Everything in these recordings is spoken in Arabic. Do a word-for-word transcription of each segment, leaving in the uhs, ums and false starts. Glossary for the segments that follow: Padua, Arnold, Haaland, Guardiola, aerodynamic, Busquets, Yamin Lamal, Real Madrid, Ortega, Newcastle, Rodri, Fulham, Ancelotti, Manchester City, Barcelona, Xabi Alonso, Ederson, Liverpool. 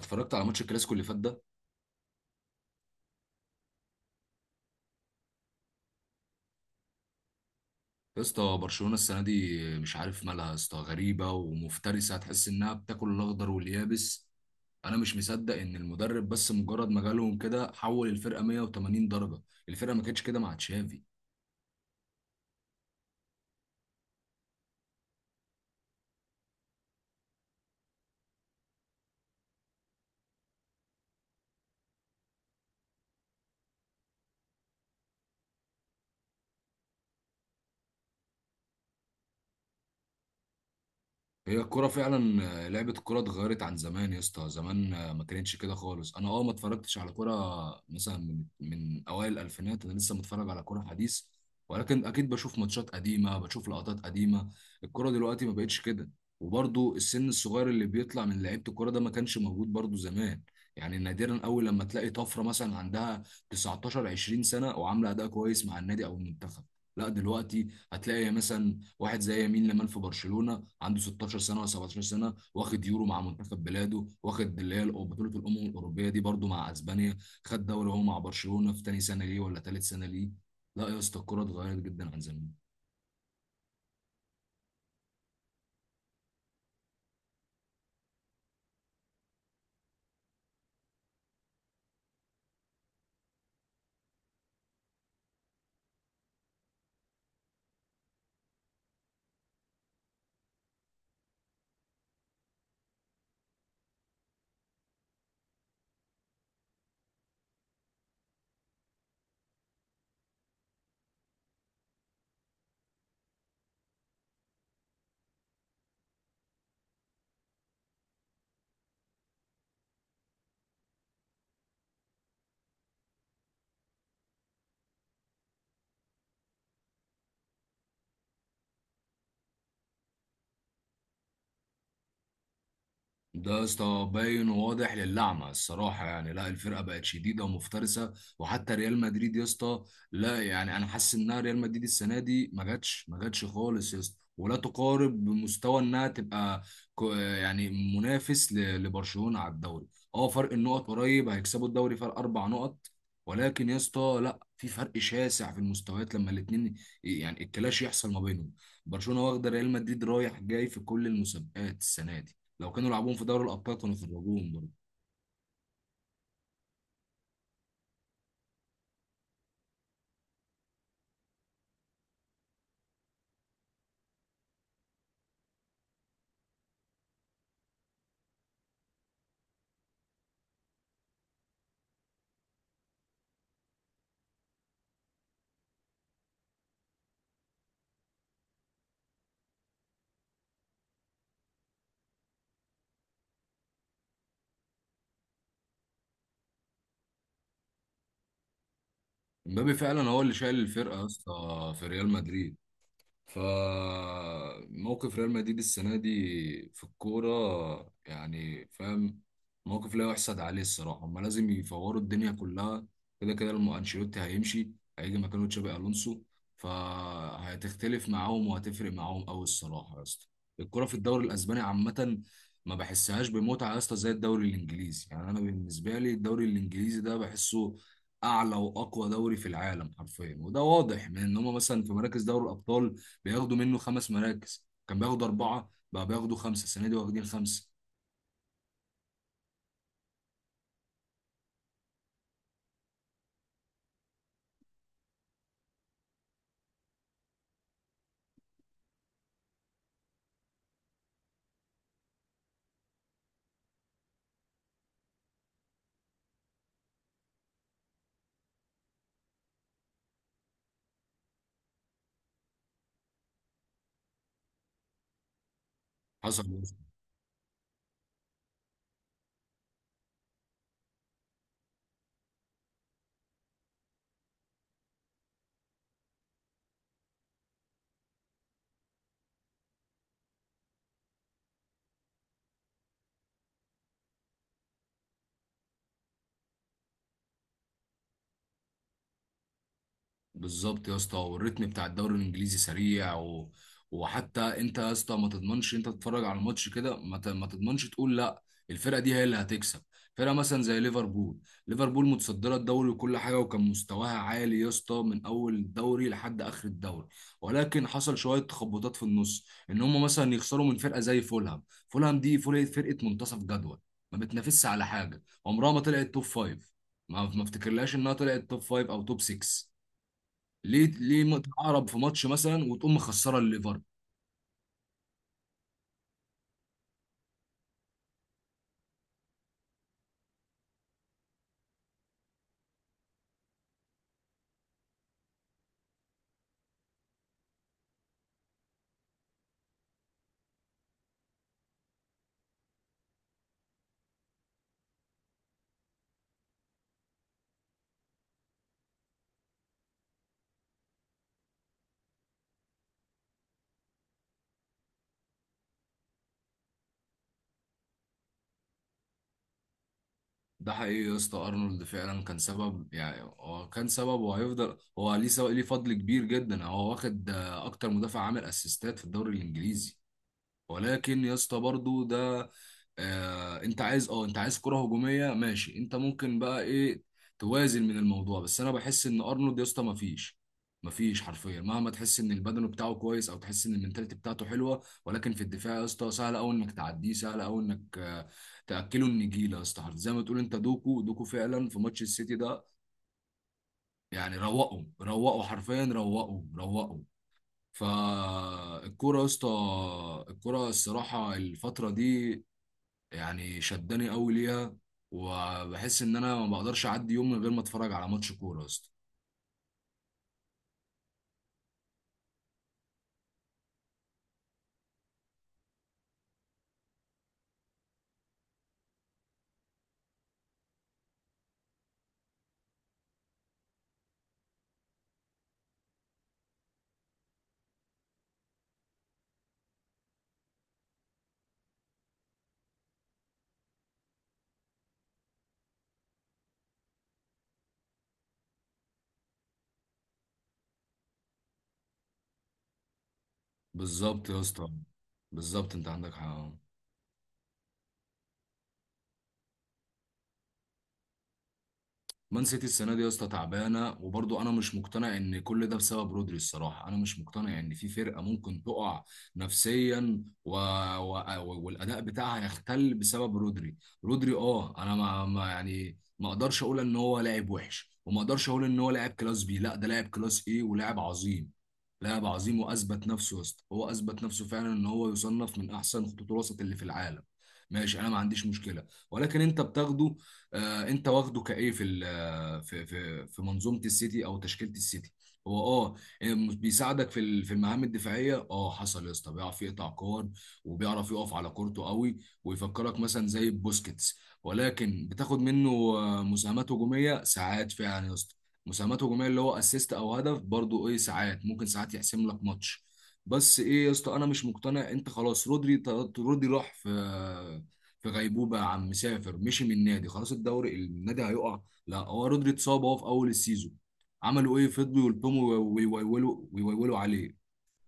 اتفرجت على ماتش الكلاسيكو اللي فات ده. يا اسطى، برشلونه السنه دي مش عارف مالها، يا اسطى غريبه ومفترسه، هتحس انها بتاكل الاخضر واليابس. انا مش مصدق ان المدرب بس مجرد ما جالهم كده حول الفرقه مية وتمانين درجه. الفرقه ما كانتش كده مع تشافي. هي الكرة فعلا، آه، لعبة الكرة اتغيرت عن زمان يا اسطى. زمان آه، ما كانتش كده خالص. انا اه ما اتفرجتش على كرة مثلا من من اوائل الالفينات، انا لسه متفرج على كرة حديث. ولكن اكيد بشوف ماتشات قديمة، بشوف لقطات قديمة. الكرة دلوقتي ما بقتش كده. وبرضو السن الصغير اللي بيطلع من لعيبة الكرة ده ما كانش موجود برضو زمان. يعني نادرا قوي لما تلاقي طفرة مثلا عندها تسعتاشر 20 سنة وعاملة اداء كويس مع النادي او المنتخب. لا دلوقتي هتلاقي مثلا واحد زي يمين لمال في برشلونة عنده ستاشر سنة سنه ولا سبعتاشر سنة سنه، واخد يورو مع منتخب بلاده، واخد اللي هي بطوله الامم الاوروبيه دي برده مع اسبانيا. خد دوري هو مع برشلونه في تاني سنه ليه ولا تالت سنه ليه. لا يا اسطى، الكوره اتغيرت جدا عن زمان. ده يا اسطى باين وواضح للعمى الصراحه، يعني لا، الفرقه بقت شديده ومفترسه. وحتى ريال مدريد يا اسطى، لا يعني انا حاسس انها ريال مدريد السنه دي ما جاتش، ما جاتش خالص يا اسطى، ولا تقارب بمستوى انها تبقى كو- يعني منافس ل- لبرشلونه على الدوري. اه، فرق النقط قريب، هيكسبوا الدوري فرق اربع نقط، ولكن يا اسطى لا، في فرق شاسع في المستويات لما الاثنين يعني الكلاش يحصل ما بينهم. برشلونه واخده ريال مدريد رايح جاي في كل المسابقات السنه دي. لو كانوا لعبوهم في دوري الابطال كانوا خرجوهم برضه. امبابي فعلا هو اللي شايل الفرقه يا اسطى في ريال مدريد. فموقف ريال مدريد السنة دي في الكورة يعني، فاهم، موقف لا يحسد عليه الصراحة. هما لازم يفوروا الدنيا كلها، كده كده الم- أنشيلوتي هيمشي، هيجي مكانه تشابي ألونسو، فهتختلف معاهم وهتفرق معاهم أوي الصراحة يا اسطى. الكورة في الدوري الأسباني عامة ما بحسهاش بمتعة يا اسطى زي الدوري الإنجليزي. يعني أنا بالنسبة لي الدوري الإنجليزي ده بحسه أعلى وأقوى دوري في العالم حرفيا، وده واضح من إن هما مثلا في مراكز دوري الأبطال بياخدوا منه خمس مراكز. كان بياخدوا اربعه، بقى بياخدوا خمسه، السنه دي واخدين خمسه. حصل. بالظبط يا اسطى، والريتم بتاع الدوري الانجليزي سريع و... وحتى انت يا اسطى ما تضمنش. انت تتفرج على الماتش كده ما, ت... ما تضمنش تقول لا الفرقه دي هي اللي هتكسب. فرقه مثلا زي ليفربول، ليفربول متصدره الدوري وكل حاجه، وكان مستواها عالي يا اسطى من اول الدوري لحد اخر الدوري. ولكن حصل شويه تخبطات في النص، ان هم مثلا يخسروا من فرقه زي فولهام. فولهام دي فول- فرقه منتصف جدول، ما بتنافسش على حاجه، عمرها ما طلعت توب فايف، ما ما افتكرلهاش انها طلعت توب فايف او توب ستة. ليه ليه م- تتعرب في ماتش مثلا وتقوم مخسره الليفر. ده حقيقي يا اسطى، ارنولد فعلا كان سبب، يعني هو كان سبب وهيفضل هو ليه سبب، ليه فضل كبير جدا. هو واخد آه، اكتر مدافع عامل اسيستات في الدوري الانجليزي. ولكن يا اسطى برضو ده، آه انت عايز، اه انت عايز كرة هجومية، ماشي، انت ممكن بقى ايه، توازن من الموضوع. بس انا بحس ان ارنولد يا اسطى مفيش مفيش حرفيا، مهما تحس ان البدن بتاعه كويس او تحس ان المنتاليتي بتاعته حلوه، ولكن في الدفاع يا اسطى سهل قوي انك تعديه، سهل قوي انك، آه، تاكله النجيله يا اسطى. حرف- زي ما تقول، انت دوكو دوكو فعلا في ماتش السيتي ده، يعني روقوا روقوا حرفيا، روقوا روقوا. فالكورة يا اسطى، الكورة الصراحة الفترة دي يعني شداني قوي ليها، وبحس ان انا ما بقدرش اعدي يوم من غير ما اتفرج على ماتش كورة يا اسطى. بالظبط يا اسطى. بالظبط، انت عندك حق. مان سيتي السنه دي يا اسطى تعبانه، وبرضه انا مش مقتنع ان كل ده بسبب رودري. الصراحه انا مش مقتنع ان في فرقه ممكن تقع نفسيا و... و... والاداء بتاعها يختل بسبب رودري. رودري، اه انا ما... ما يعني ما اقدرش اقول ان هو لاعب وحش، وما اقدرش اقول ان هو لاعب كلاس بي، لا ده لاعب كلاس ايه، ولاعب عظيم. لاعب عظيم واثبت نفسه يا اسطى، هو اثبت نفسه فعلا ان هو يصنف من احسن خطوط الوسط اللي في العالم، ماشي، انا ما عنديش مشكله. ولكن انت بتاخده، آه انت واخده كايه في ال- آه، في في في منظومه السيتي او تشكيله السيتي. هو اه بيساعدك في ال- في المهام الدفاعيه، اه حصل يا اسطى، بيعرف يقطع كور، وبيعرف يقف على كورته قوي، ويفكرك مثلا زي بوسكيتس. ولكن بتاخد منه آه، مساهمات هجوميه ساعات فعلا يا اسطى، مساهمات هجوميه اللي هو اسيست او هدف، برضو ايه ساعات ممكن ساعات يحسم لك ماتش. بس ايه يا اسطى، انا مش مقتنع انت خلاص رودري، رودري راح في في غيبوبه يا عم، مسافر مشي من النادي، خلاص الدوري النادي هيقع. لا هو رودري اتصاب هو في اول السيزون، عملوا ايه، فضلوا يلطموا ويولوا ويولوا عليه.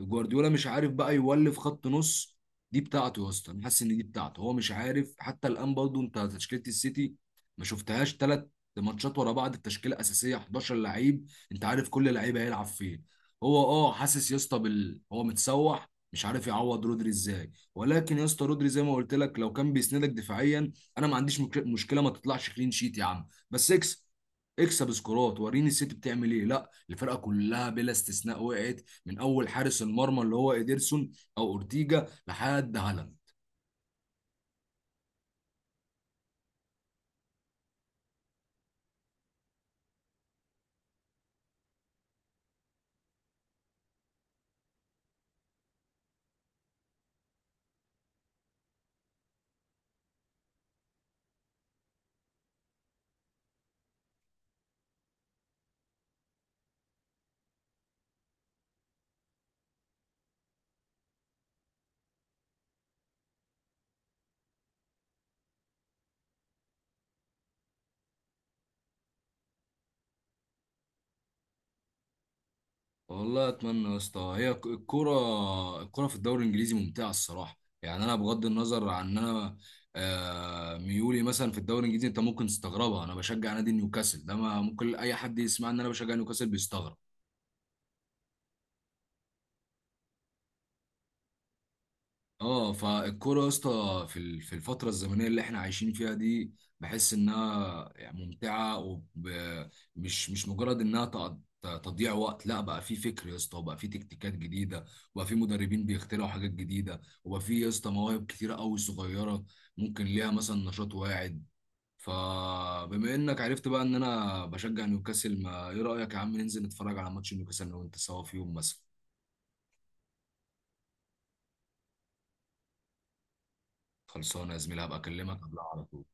جوارديولا مش عارف بقى يولف خط نص، دي بتاعته يا اسطى، انا حاسس ان دي بتاعته، هو مش عارف حتى الان برضه. انت تشكيله السيتي ما شفتهاش ثلاث ماتشات ورا بعض التشكيله الاساسيه 11 لعيب، انت عارف كل لعيب هيلعب فين. هو اه حاسس يا اسطى بال، هو متسوح مش عارف يعوض رودري ازاي. ولكن يا اسطى رودري زي ما قلت لك، لو كان بيسندك دفاعيا، انا ما عنديش مك- مشكله، ما تطلعش كلين شيت يا عم بس اكسب. اكسب سكورات وريني السيتي بتعمل ايه. لا الفرقه كلها بلا استثناء وقعت، من اول حارس المرمى اللي هو ايدرسون او اورتيجا لحد هالاند. والله اتمنى يا اسطى. هي الك- الكرة، الكرة في الدوري الانجليزي ممتعة الصراحة. يعني انا بغض النظر عن ان انا، آه، ميولي مثلا في الدوري الانجليزي انت ممكن تستغربها، انا بشجع نادي نيوكاسل. ده ما ممكن اي حد يسمع ان انا بشجع نيوكاسل بيستغرب. اه، فالكوره يا اسطى في ال- في الفتره الزمنيه اللي احنا عايشين فيها دي، بحس انها يعني ممتعه، ومش مش مجرد انها تق- ت- تضييع وقت. لا بقى في فكر يا اسطى، وبقى في تكتيكات جديده، وبقى في مدربين بيخترعوا حاجات جديده، وبقى في يا اسطى مواهب كتيره قوي صغيره، ممكن ليها مثلا نشاط واعد. فبما انك عرفت بقى ان انا بشجع نيوكاسل، ما ايه رايك يا عم ننزل نتفرج على ماتش نيوكاسل انا وانت سوا في يوم مثلا؟ خلصانه يا زميلي، هبقى اكلمك قبلها على طول.